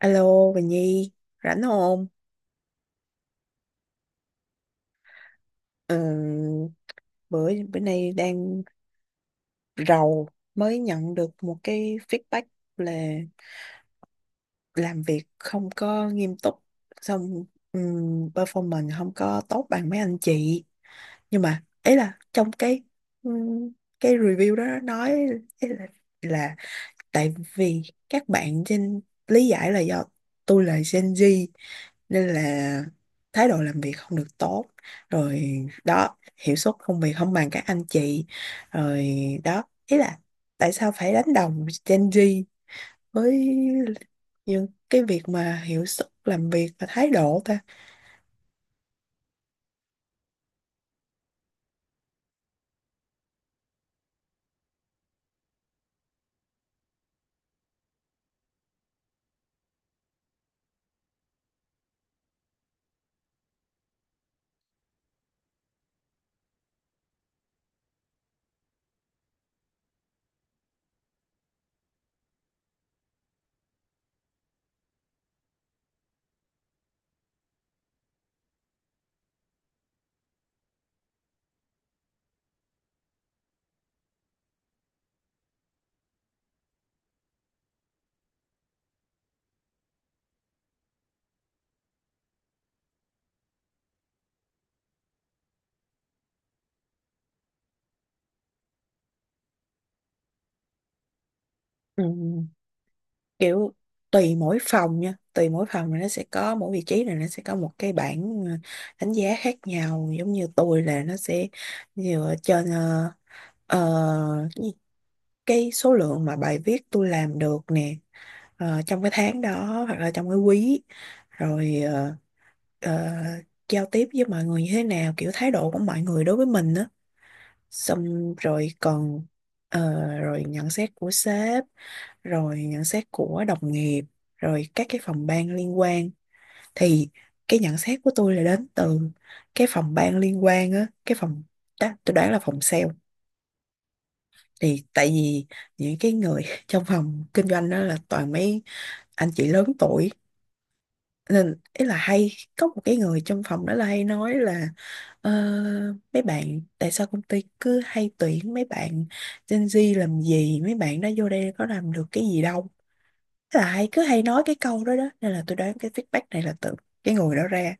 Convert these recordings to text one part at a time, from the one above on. Alo, Bình Nhi, rảnh không? Ừ, bữa bữa nay đang rầu, mới nhận được một cái feedback là làm việc không có nghiêm túc, xong performance không có tốt bằng mấy anh chị. Nhưng mà ấy là trong ừm, cái review đó nói ý là tại vì các bạn trên lý giải là do tôi là Gen Z, nên là thái độ làm việc không được tốt, rồi đó hiệu suất công việc không bằng các anh chị, rồi đó ý là tại sao phải đánh đồng Gen Z với những cái việc mà hiệu suất làm việc và thái độ ta. Ừ, kiểu tùy mỗi phòng nha, tùy mỗi phòng là nó sẽ có mỗi vị trí là nó sẽ có một cái bảng đánh giá khác nhau, giống như tôi là nó sẽ dựa trên uh, cái số lượng mà bài viết tôi làm được nè, ờ, trong cái tháng đó hoặc là trong cái quý, rồi ờ, giao tiếp với mọi người như thế nào, kiểu thái độ của mọi người đối với mình á, xong rồi còn ờ, rồi nhận xét của sếp, rồi nhận xét của đồng nghiệp, rồi các cái phòng ban liên quan. Thì cái nhận xét của tôi là đến từ cái phòng ban liên quan á, cái phòng tôi đoán là phòng sale. Thì tại vì những cái người trong phòng kinh doanh đó là toàn mấy anh chị lớn tuổi, nên ý là hay có một cái người trong phòng đó là hay nói là "Ờ, mấy bạn tại sao công ty cứ hay tuyển mấy bạn Gen Z làm gì, mấy bạn đó vô đây có làm được cái gì đâu", là hay cứ hay nói cái câu đó đó, nên là tôi đoán cái feedback này là từ cái người đó ra.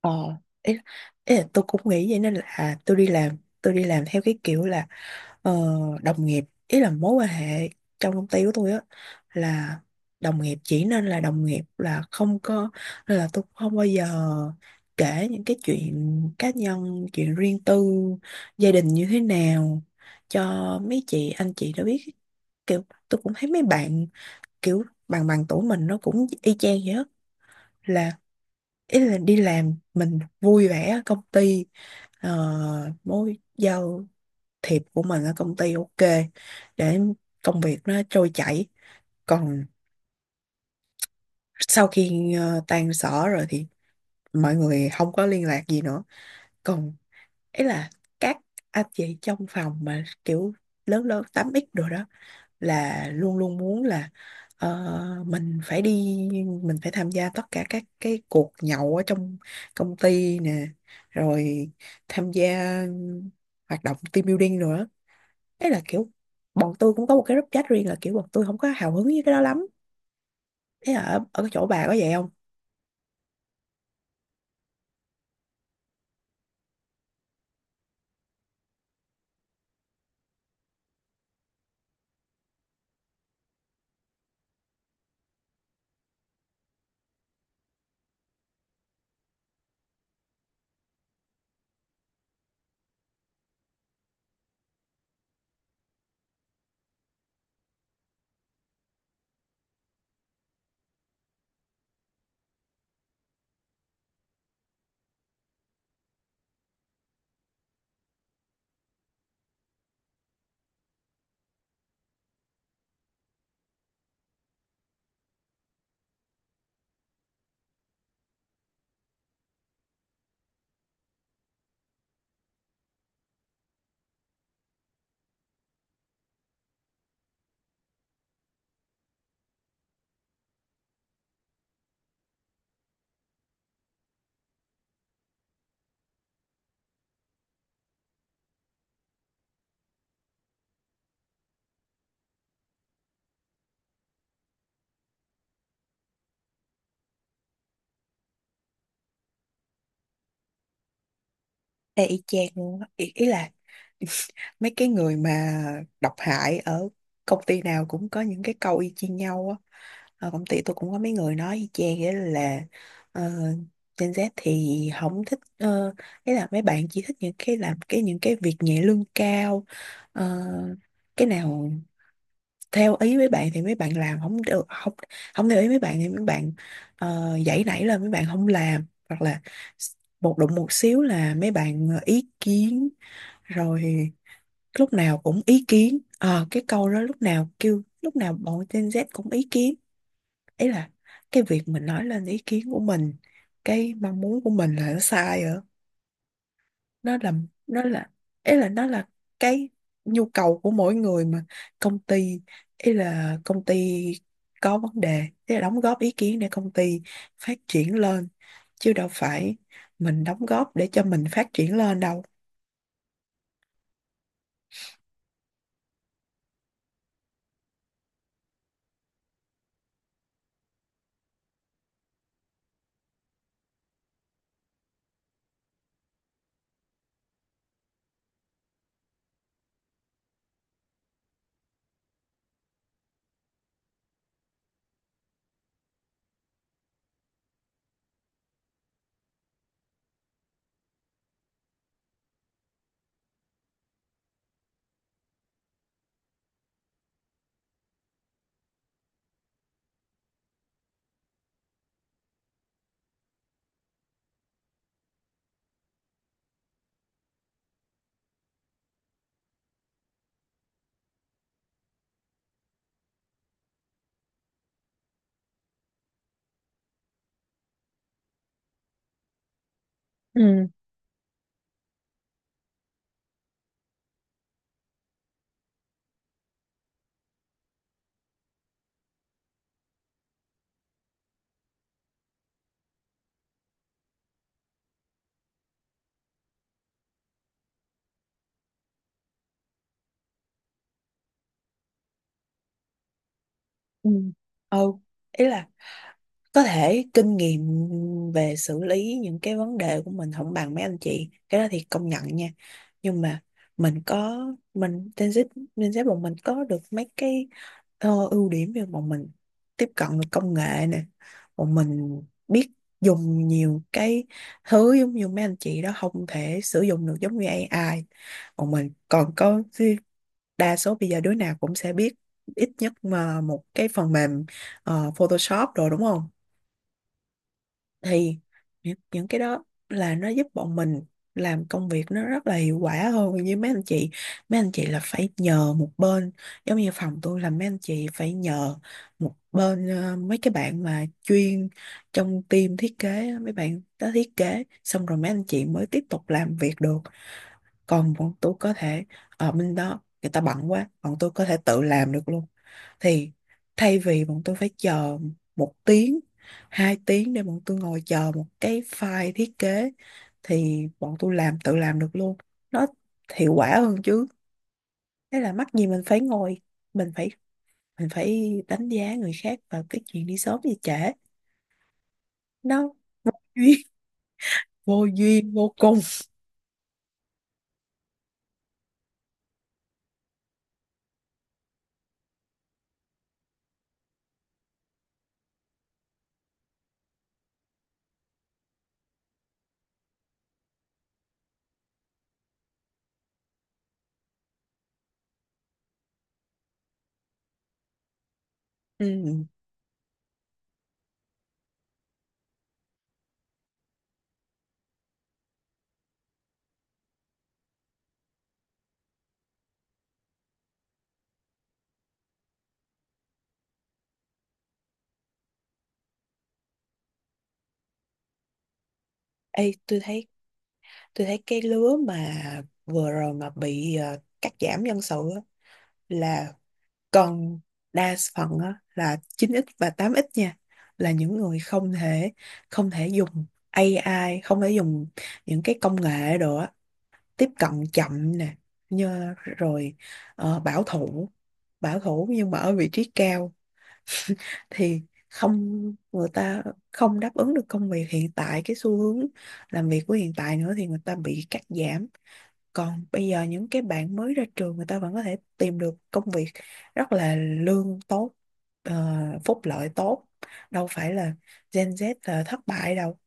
Ờ, ý, ý là tôi cũng nghĩ vậy, nên là tôi đi làm theo cái kiểu là, ờ, đồng nghiệp, ý là mối quan hệ trong công ty của tôi á, là đồng nghiệp chỉ nên là đồng nghiệp, là không có, là tôi không bao giờ kể những cái chuyện cá nhân, chuyện riêng tư, gia đình như thế nào cho mấy chị anh chị đã biết. Kiểu tôi cũng thấy mấy bạn kiểu bằng bằng tuổi mình nó cũng y chang vậy á. Là ý là đi làm mình vui vẻ ở công ty, uh, mối giao thiệp của mình ở công ty ok, để công việc nó trôi chảy, còn sau khi tan sở rồi thì mọi người không có liên lạc gì nữa. Còn ấy là các anh chị trong phòng mà kiểu lớn lớn 8x rồi đó là luôn luôn muốn là, ờ, mình phải đi, mình phải tham gia tất cả các cái cuộc nhậu ở trong công ty nè, rồi tham gia hoạt động team building nữa. Thế là kiểu bọn tôi cũng có một cái group chat riêng, là kiểu bọn tôi không có hào hứng với cái đó lắm. Thế là ở cái chỗ bà có vậy không? Ê, y chang luôn á. Ý là mấy cái người mà độc hại ở công ty nào cũng có những cái câu y chang nhau á. Ở công ty tôi cũng có mấy người nói y chang vậy, là ờ, Gen Z thì không thích, ý là mấy bạn chỉ thích những cái làm cái những cái việc nhẹ lương cao. Ờ, cái nào theo ý mấy bạn thì mấy bạn làm không được, không không theo ý mấy bạn thì mấy bạn, dãy nảy, là mấy bạn không làm, hoặc là s- một đụng một xíu là mấy bạn ý kiến, rồi lúc nào cũng ý kiến. Ờ, cái câu đó lúc nào kêu lúc nào bọn Gen Z cũng ý kiến, ấy là cái việc mình nói lên ý kiến của mình, cái mong muốn của mình là nó sai. Nó là nó là ý là nó là cái nhu cầu của mỗi người mà. Công ty, ý là công ty có vấn đề, ý là đóng góp ý kiến để công ty phát triển lên, chứ đâu phải mình đóng góp để cho mình phát triển lên đâu. ừ ừ ừ Ý là có thể kinh nghiệm về xử lý những cái vấn đề của mình không bằng mấy anh chị, cái đó thì công nhận nha. Nhưng mà mình có, mình Gen Z Gen Z bọn mình có được mấy cái ưu điểm, như bọn mình tiếp cận được công nghệ nè, bọn mình biết dùng nhiều cái thứ giống như mấy anh chị đó không thể sử dụng được, giống như AI. Bọn mình còn có, đa số bây giờ đứa nào cũng sẽ biết ít nhất mà một cái phần mềm Photoshop rồi đúng không? Thì những cái đó là nó giúp bọn mình làm công việc nó rất là hiệu quả hơn, như mấy anh chị, mấy anh chị là phải nhờ một bên, giống như phòng tôi là mấy anh chị phải nhờ một bên mấy cái bạn mà chuyên trong team thiết kế á, mấy bạn đó thiết kế xong rồi mấy anh chị mới tiếp tục làm việc được. Còn bọn tôi có thể, ở bên đó người ta bận quá, bọn tôi có thể tự làm được luôn. Thì thay vì bọn tôi phải chờ một tiếng, hai tiếng, để bọn tôi ngồi chờ một cái file thiết kế, thì bọn tôi làm tự làm được luôn, nó hiệu quả hơn chứ. Thế là mắc gì mình phải ngồi, mình phải mình phải đánh giá người khác vào cái chuyện đi sớm gì trễ, nó duyên, vô duyên vô cùng. Ừ. Ê, tôi thấy cái lứa mà vừa rồi mà bị cắt giảm nhân sự á, là còn đa phần á, là chín x và tám x nha, là những người không thể dùng AI, không thể dùng những cái công nghệ đồ á, tiếp cận chậm nè, như rồi ờ, bảo thủ bảo thủ nhưng mà ở vị trí cao, thì không, người ta không đáp ứng được công việc hiện tại, cái xu hướng làm việc của hiện tại nữa, thì người ta bị cắt giảm. Còn bây giờ những cái bạn mới ra trường người ta vẫn có thể tìm được công việc rất là lương tốt, ờ, phúc lợi tốt, đâu phải là Gen Z là thất bại đâu.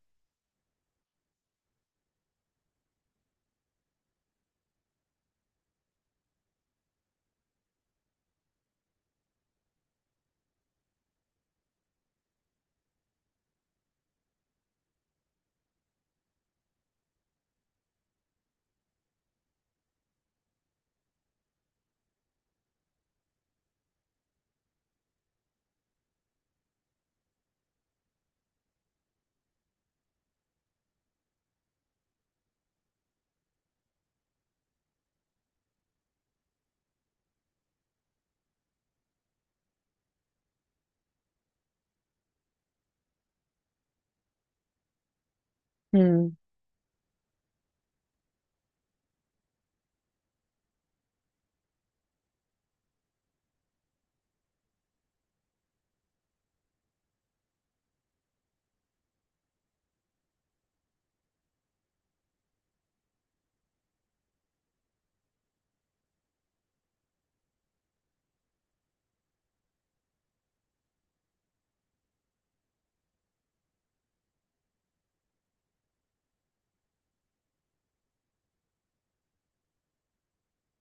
Ừ.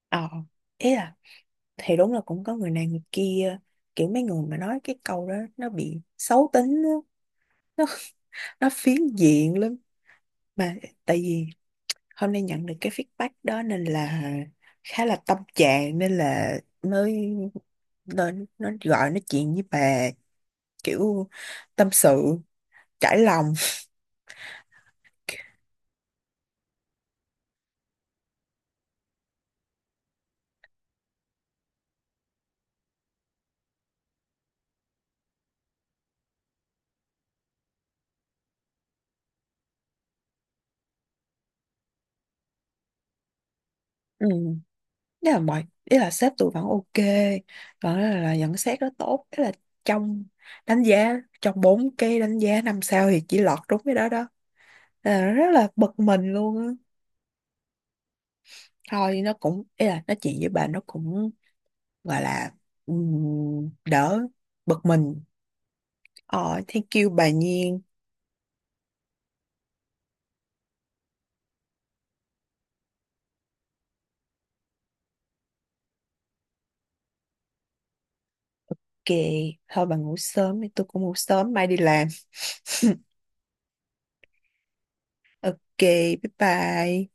ờ Ý là thì đúng là cũng có người này người kia, kiểu mấy người mà nói cái câu đó nó bị xấu tính á, nó nó phiến diện lắm. Mà tại vì hôm nay nhận được cái feedback đó nên là khá là tâm trạng, nên là mới, nên nó gọi nói chuyện với bà, kiểu tâm sự, trải lòng. Ừ. Thế là mọi, ý là sếp tôi vẫn ok, còn là nhận xét đó tốt. Thế là trong đánh giá, trong bốn cái đánh giá năm sao thì chỉ lọt đúng cái đó đó. Thế là rất là bực mình luôn á. Thôi nó cũng, ý là nói chuyện với bà nó cũng gọi là, đỡ bực mình. Ờ, thank you bà Nhiên. Kì thôi, bà ngủ sớm đi, tôi cũng ngủ sớm mai đi làm. Ok, bye bye.